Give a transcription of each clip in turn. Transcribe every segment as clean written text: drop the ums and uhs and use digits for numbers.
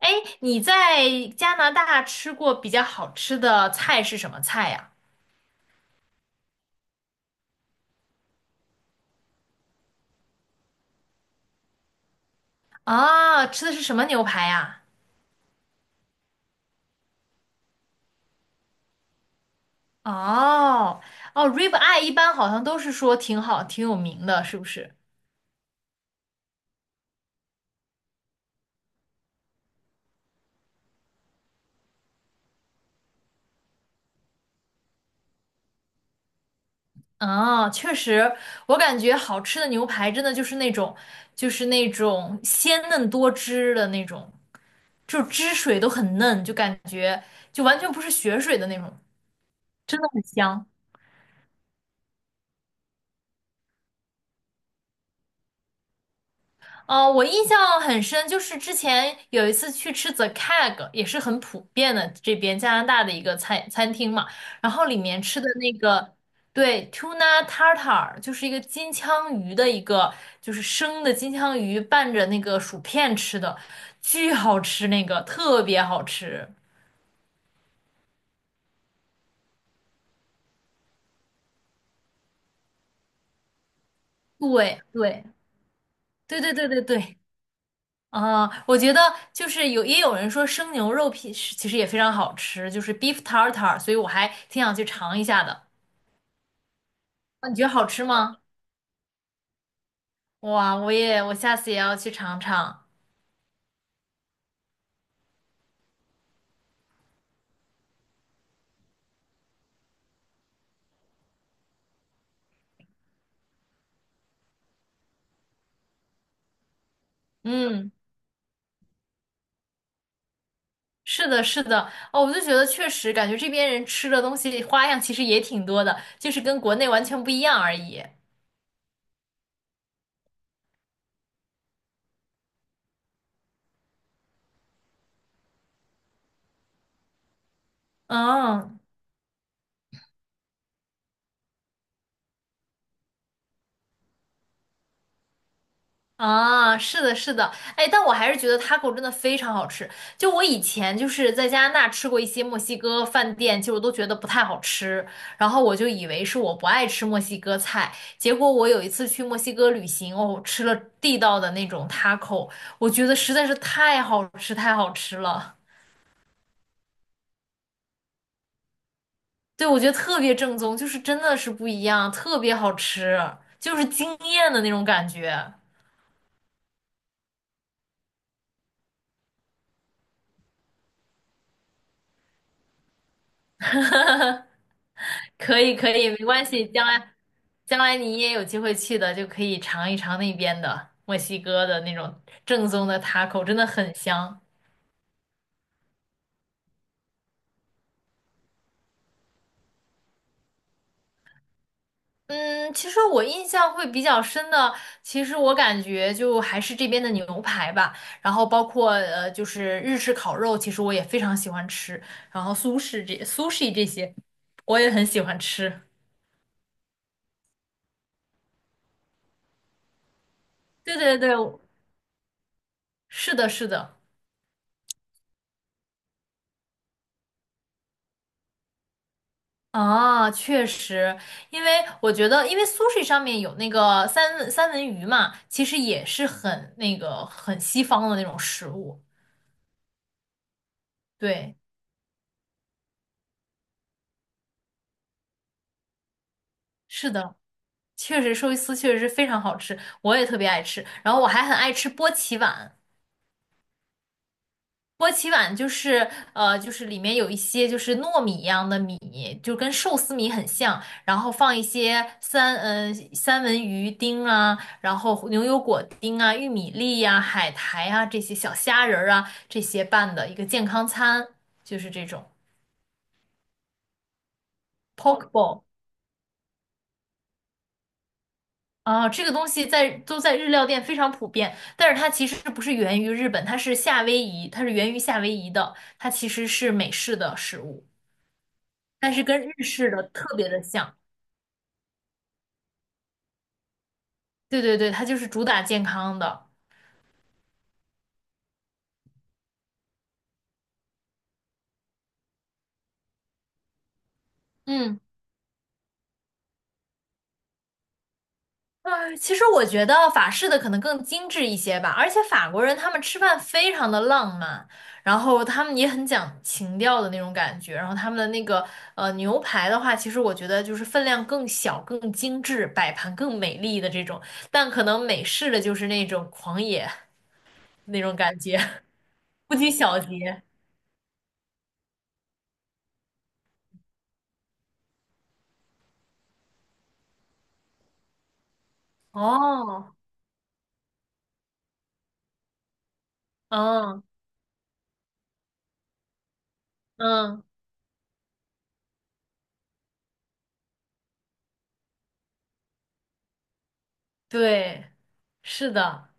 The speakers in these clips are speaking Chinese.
哎，你在加拿大吃过比较好吃的菜是什么菜呀？啊，吃的是什么牛排呀？哦哦，rib eye 一般好像都是说挺好、挺有名的，是不是？啊，确实，我感觉好吃的牛排真的就是那种，就是那种鲜嫩多汁的那种，就汁水都很嫩，就感觉就完全不是血水的那种，真的很香。哦，我印象很深，就是之前有一次去吃 The Keg 也是很普遍的这边加拿大的一个餐厅嘛，然后里面吃的那个，对，tuna tartar，就是一个金枪鱼的一个，就是生的金枪鱼拌着那个薯片吃的，巨好吃，那个特别好吃。对对对对对对对，啊、我觉得就是有也有人说生牛肉片是其实也非常好吃，就是 beef tartar，所以我还挺想去尝一下的。啊，你觉得好吃吗？哇，我也，我下次也要去尝尝。嗯，是的，是的。哦，我就觉得确实感觉这边人吃的东西花样其实也挺多的，就是跟国内完全不一样而已。嗯。啊，是的，是的，哎，但我还是觉得 taco 真的非常好吃。就我以前就是在加拿大吃过一些墨西哥饭店，其实我都觉得不太好吃，然后我就以为是我不爱吃墨西哥菜，结果我有一次去墨西哥旅行，哦，吃了地道的那种 taco，我觉得实在是太好吃，太好吃了。对，我觉得特别正宗，就是真的是不一样，特别好吃，就是惊艳的那种感觉。可以可以，没关系，将来将来你也有机会去的，就可以尝一尝那边的墨西哥的那种正宗的 taco，真的很香。嗯，其实我印象会比较深的，其实我感觉就还是这边的牛排吧，然后包括就是日式烤肉，其实我也非常喜欢吃，然后苏式这些，我也很喜欢吃。对对对，是的，是的。啊，确实，因为我觉得，因为 sushi 上面有那个三文鱼嘛，其实也是很那个很西方的那种食物。对，是的，确实寿司确实是非常好吃，我也特别爱吃。然后我还很爱吃波奇碗，波奇碗就是就是里面有一些就是糯米一样的米，就跟寿司米很像，然后放一些三文鱼丁啊，然后牛油果丁啊、玉米粒呀、海苔啊这些小虾仁儿啊这些拌的一个健康餐，就是这种 poke bowl 啊，这个东西在都在日料店非常普遍，但是它其实不是源于日本，它是夏威夷，它是源于夏威夷的，它其实是美式的食物，但是跟日式的特别的像。对对对，它就是主打健康的。嗯，啊，其实我觉得法式的可能更精致一些吧，而且法国人他们吃饭非常的浪漫，然后他们也很讲情调的那种感觉，然后他们的那个牛排的话，其实我觉得就是分量更小、更精致，摆盘更美丽的这种，但可能美式的就是那种狂野那种感觉，不拘小节。哦，嗯嗯，对，是的，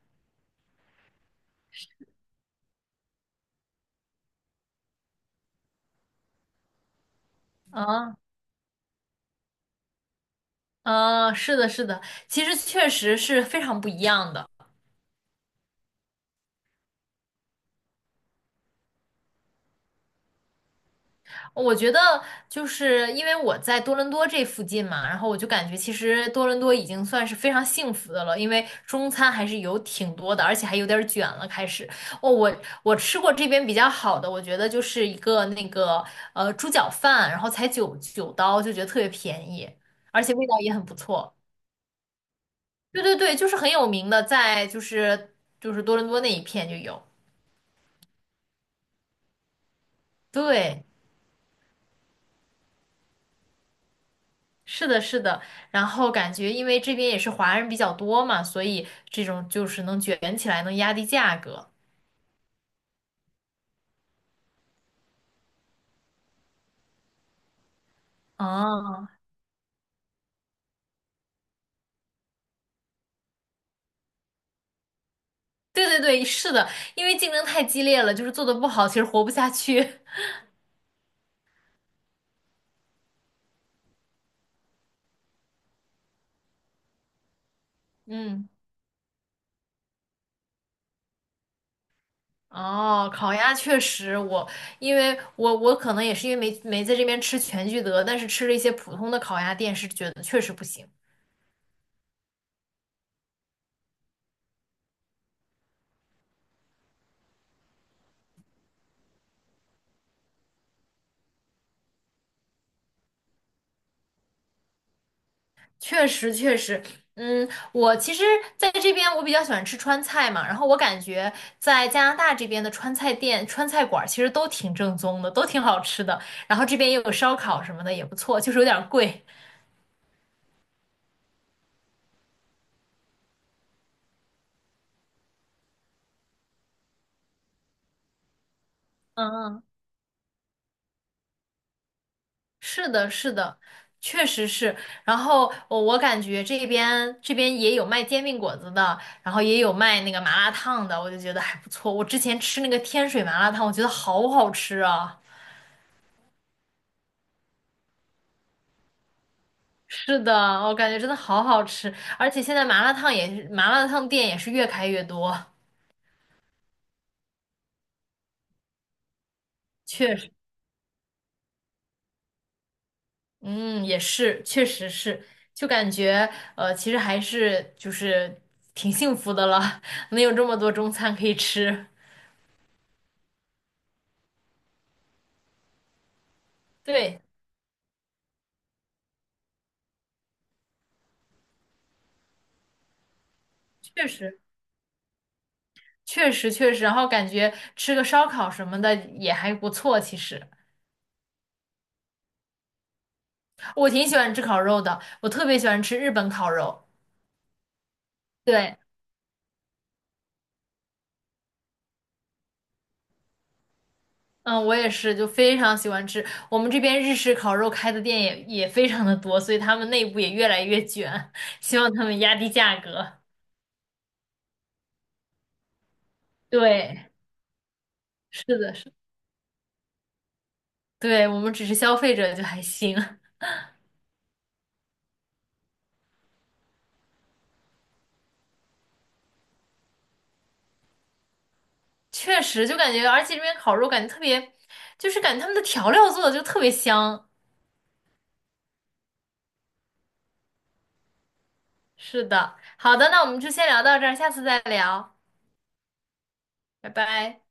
啊。嗯，是的，是的，其实确实是非常不一样的。我觉得就是因为我在多伦多这附近嘛，然后我就感觉其实多伦多已经算是非常幸福的了，因为中餐还是有挺多的，而且还有点儿卷了。开始，哦，我吃过这边比较好的，我觉得就是一个那个猪脚饭，然后才9刀，就觉得特别便宜，而且味道也很不错。对对对，就是很有名的，在就是多伦多那一片就有。对。是的，是的，然后感觉因为这边也是华人比较多嘛，所以这种就是能卷起来，能压低价格。哦，对对对，是的，因为竞争太激烈了，就是做的不好，其实活不下去。嗯，哦，烤鸭确实我，因为我可能也是因为没在这边吃全聚德，但是吃了一些普通的烤鸭店，是觉得确实不行。确实，确实，嗯，我其实在这边我比较喜欢吃川菜嘛，然后我感觉在加拿大这边的川菜店、川菜馆儿其实都挺正宗的，都挺好吃的。然后这边也有烧烤什么的，也不错，就是有点儿贵。嗯嗯，是的，是的，确实是。然后我感觉这边也有卖煎饼果子的，然后也有卖那个麻辣烫的，我就觉得还不错。我之前吃那个天水麻辣烫，我觉得好好吃啊。是的，我感觉真的好好吃，而且现在麻辣烫也是，麻辣烫店也是越开越多，确实，嗯，也是，确实是，就感觉其实还是就是挺幸福的了，能有这么多中餐可以吃，对，确实。确实确实，然后感觉吃个烧烤什么的也还不错。其实我挺喜欢吃烤肉的，我特别喜欢吃日本烤肉。对。嗯，我也是，就非常喜欢吃。我们这边日式烤肉开的店也也非常的多，所以他们内部也越来越卷，希望他们压低价格。对，是的，是的，对，我们只是消费者就还行，确实就感觉，而且这边烤肉感觉特别，就是感觉他们的调料做的就特别香。是的，好的，那我们就先聊到这儿，下次再聊，拜拜。